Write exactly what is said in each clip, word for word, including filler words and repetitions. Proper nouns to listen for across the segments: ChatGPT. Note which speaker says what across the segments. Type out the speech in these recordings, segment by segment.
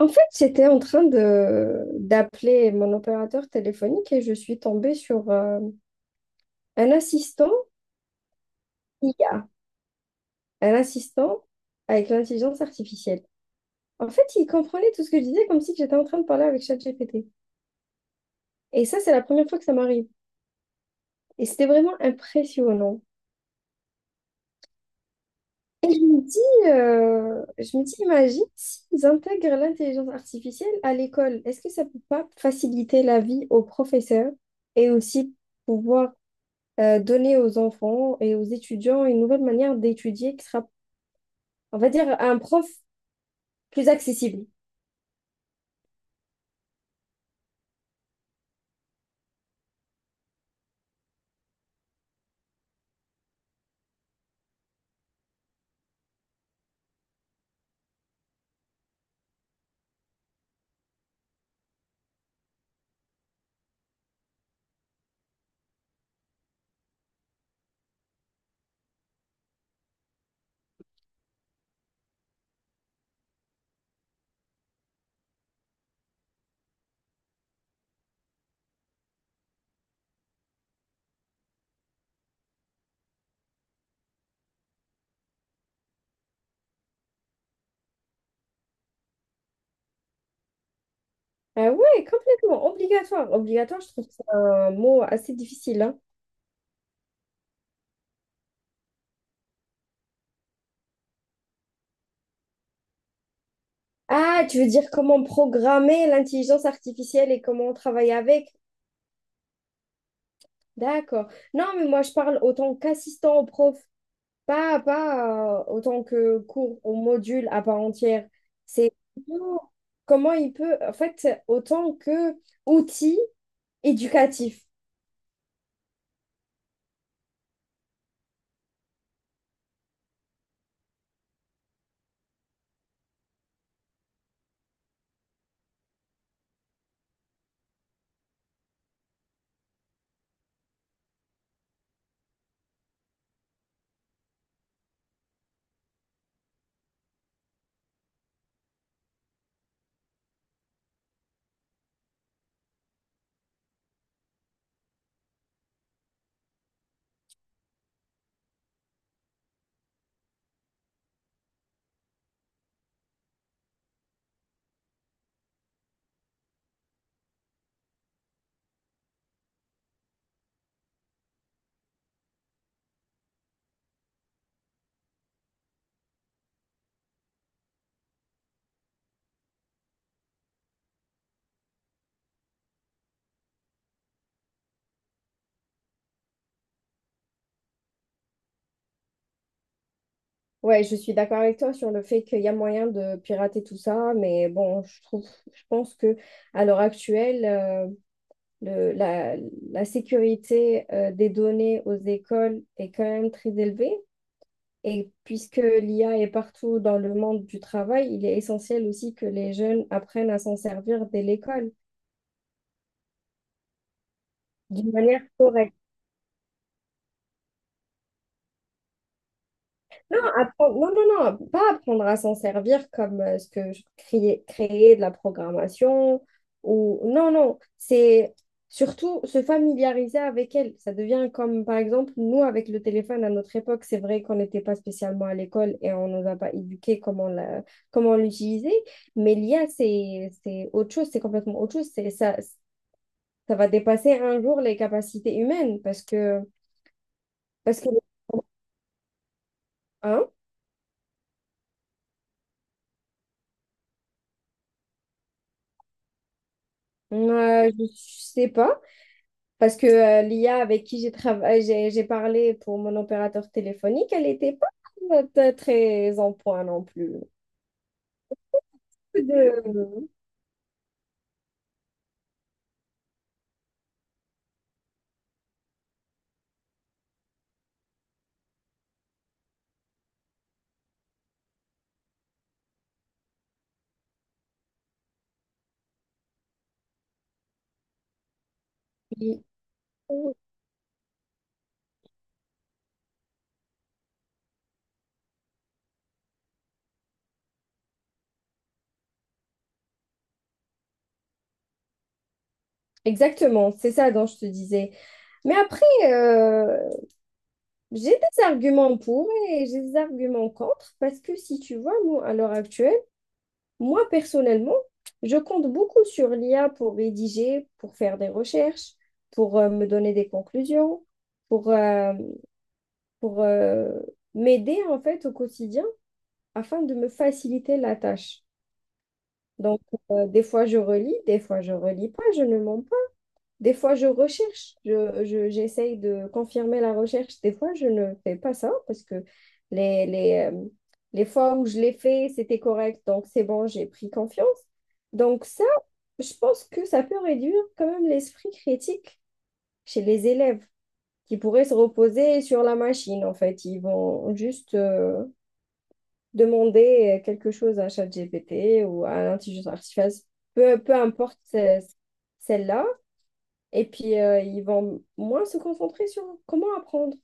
Speaker 1: En fait, j'étais en train de d'appeler mon opérateur téléphonique et je suis tombée sur euh, un assistant I A, un assistant avec l'intelligence artificielle. En fait, il comprenait tout ce que je disais comme si j'étais en train de parler avec ChatGPT. Et ça, c'est la première fois que ça m'arrive. Et c'était vraiment impressionnant. Et je me dis, euh, je me dis, imagine s'ils intègrent l'intelligence artificielle à l'école, est-ce que ça peut pas faciliter la vie aux professeurs et aussi pouvoir euh, donner aux enfants et aux étudiants une nouvelle manière d'étudier qui sera, on va dire, un prof plus accessible. Ah ouais, complètement, obligatoire. Obligatoire, je trouve que c'est un mot assez difficile, hein. Ah, tu veux dire comment programmer l'intelligence artificielle et comment travailler avec? D'accord. Non, mais moi, je parle autant qu'assistant au prof, pas, pas euh, autant que cours au module à part entière. C'est comment comment il peut, en fait, autant que outil éducatif. Ouais, je suis d'accord avec toi sur le fait qu'il y a moyen de pirater tout ça, mais bon, je trouve, je pense que à l'heure actuelle, euh, le- la, la sécurité euh, des données aux écoles est quand même très élevée. Et puisque l'I A est partout dans le monde du travail, il est essentiel aussi que les jeunes apprennent à s'en servir dès l'école, d'une manière correcte. Non, apprendre- non, non, non, pas apprendre à s'en servir comme euh, ce que je créais, créer de la programmation ou non, non, c'est surtout se familiariser avec elle. Ça devient comme, par exemple, nous avec le téléphone à notre époque, c'est vrai qu'on n'était pas spécialement à l'école et on ne nous a pas éduqué comment la, comment l'utiliser, mais l'I A, c'est, c'est autre chose, c'est complètement autre chose. C'est, ça, ça va dépasser un jour les capacités humaines parce que, parce que, hein, euh, je sais pas. Parce que euh, l'I A avec qui j'ai travaillé, j'ai j'ai parlé pour mon opérateur téléphonique, elle n'était pas euh, très en point non plus. de- Oui. Exactement, c'est ça dont je te disais. Mais après, euh, j'ai des arguments pour et j'ai des arguments contre parce que si tu vois, nous, à l'heure actuelle, moi personnellement, je compte beaucoup sur l'I A pour rédiger, pour faire des recherches, pour euh, me donner des conclusions, pour euh, pour euh, m'aider en fait au quotidien afin de me faciliter la tâche. Donc, euh, des fois je relis, des fois je relis pas, je ne mens pas. Des fois je recherche, je, je- j'essaye de confirmer la recherche. Des fois je ne fais pas ça parce que les, les, euh, les fois où je l'ai fait, c'était correct. Donc, c'est bon, j'ai pris confiance. Donc, ça, je pense que ça peut réduire quand même l'esprit critique chez les élèves qui pourraient se reposer sur la machine, en fait. Ils vont juste euh, demander euh, quelque chose à ChatGPT ou à l'intelligence artificielle, peu, peu importe euh, celle-là. Et puis, euh, ils vont moins se concentrer sur comment apprendre.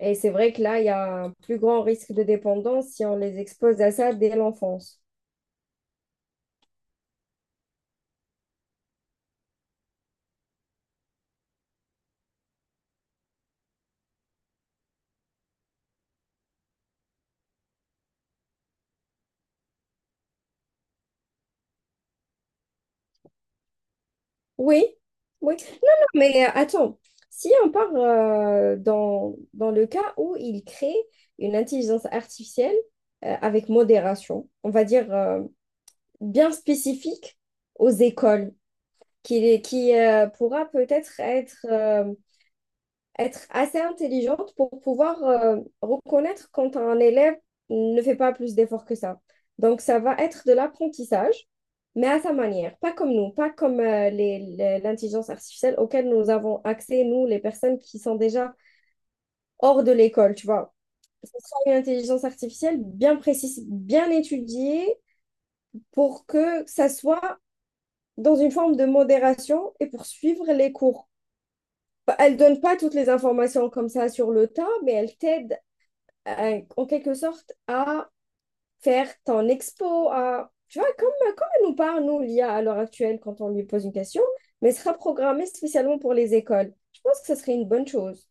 Speaker 1: Et c'est vrai que là, il y a un plus grand risque de dépendance si on les expose à ça dès l'enfance. Oui, oui. Non, non, mais euh, attends, si on part euh, dans, dans le cas où ils créent une intelligence artificielle euh, avec modération, on va dire euh, bien spécifique aux écoles. qui, qui euh, pourra peut-être être, euh, être assez intelligente pour pouvoir euh, reconnaître quand un élève ne fait pas plus d'efforts que ça. Donc, ça va être de l'apprentissage, mais à sa manière, pas comme nous, pas comme euh, les- les- l'intelligence artificielle auquel nous avons accès, nous, les personnes qui sont déjà hors de l'école, tu vois. Ce sera une intelligence artificielle bien précise, bien étudiée pour que ça soit dans une forme de modération et pour suivre les cours. Bah, elle donne pas toutes les informations comme ça sur le tas, mais elle t'aide à- en quelque sorte à faire ton expo, à... Tu vois, comme, comme elle nous parle, nous, l'I A, à l'heure actuelle, quand on lui pose une question, mais elle sera programmée spécialement pour les écoles. Je pense que ce serait une bonne chose.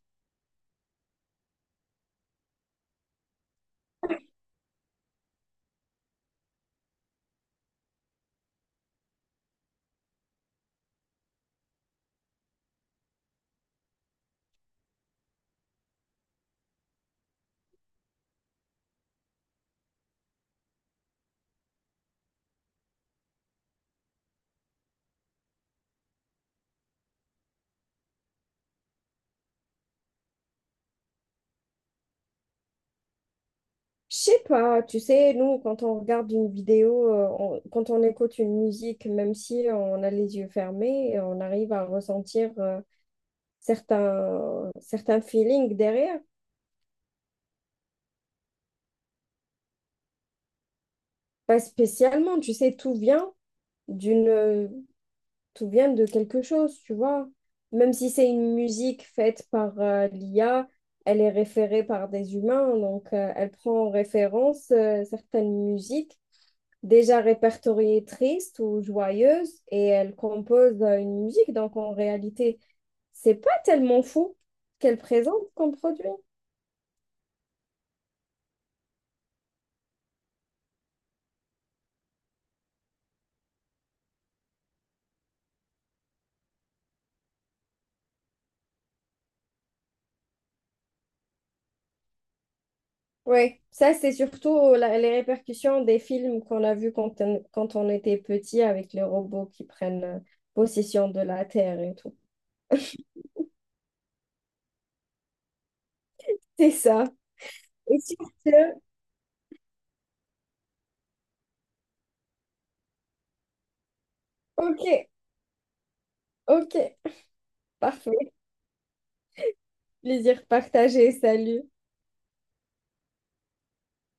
Speaker 1: Je sais pas, tu sais, nous, quand on regarde une vidéo, euh, on- quand on écoute une musique, même si on a les yeux fermés, on arrive à ressentir euh, certains, certains feelings derrière. Pas spécialement, tu sais, tout vient. D'une euh, tout vient de quelque chose, tu vois. Même si c'est une musique faite par euh, l'I A, elle est référée par des humains, donc euh, elle prend en référence euh, certaines musiques déjà répertoriées tristes ou joyeuses et elle compose euh, une musique. Donc en réalité, c'est pas tellement fou qu'elle présente comme produit. Oui, ça c'est surtout la- les répercussions des films qu'on a vus quand, on- quand on était petit avec les robots qui prennent euh, possession de la Terre et tout. C'est ça. Et sur ce, ok, ok, parfait. Plaisir partagé, salut.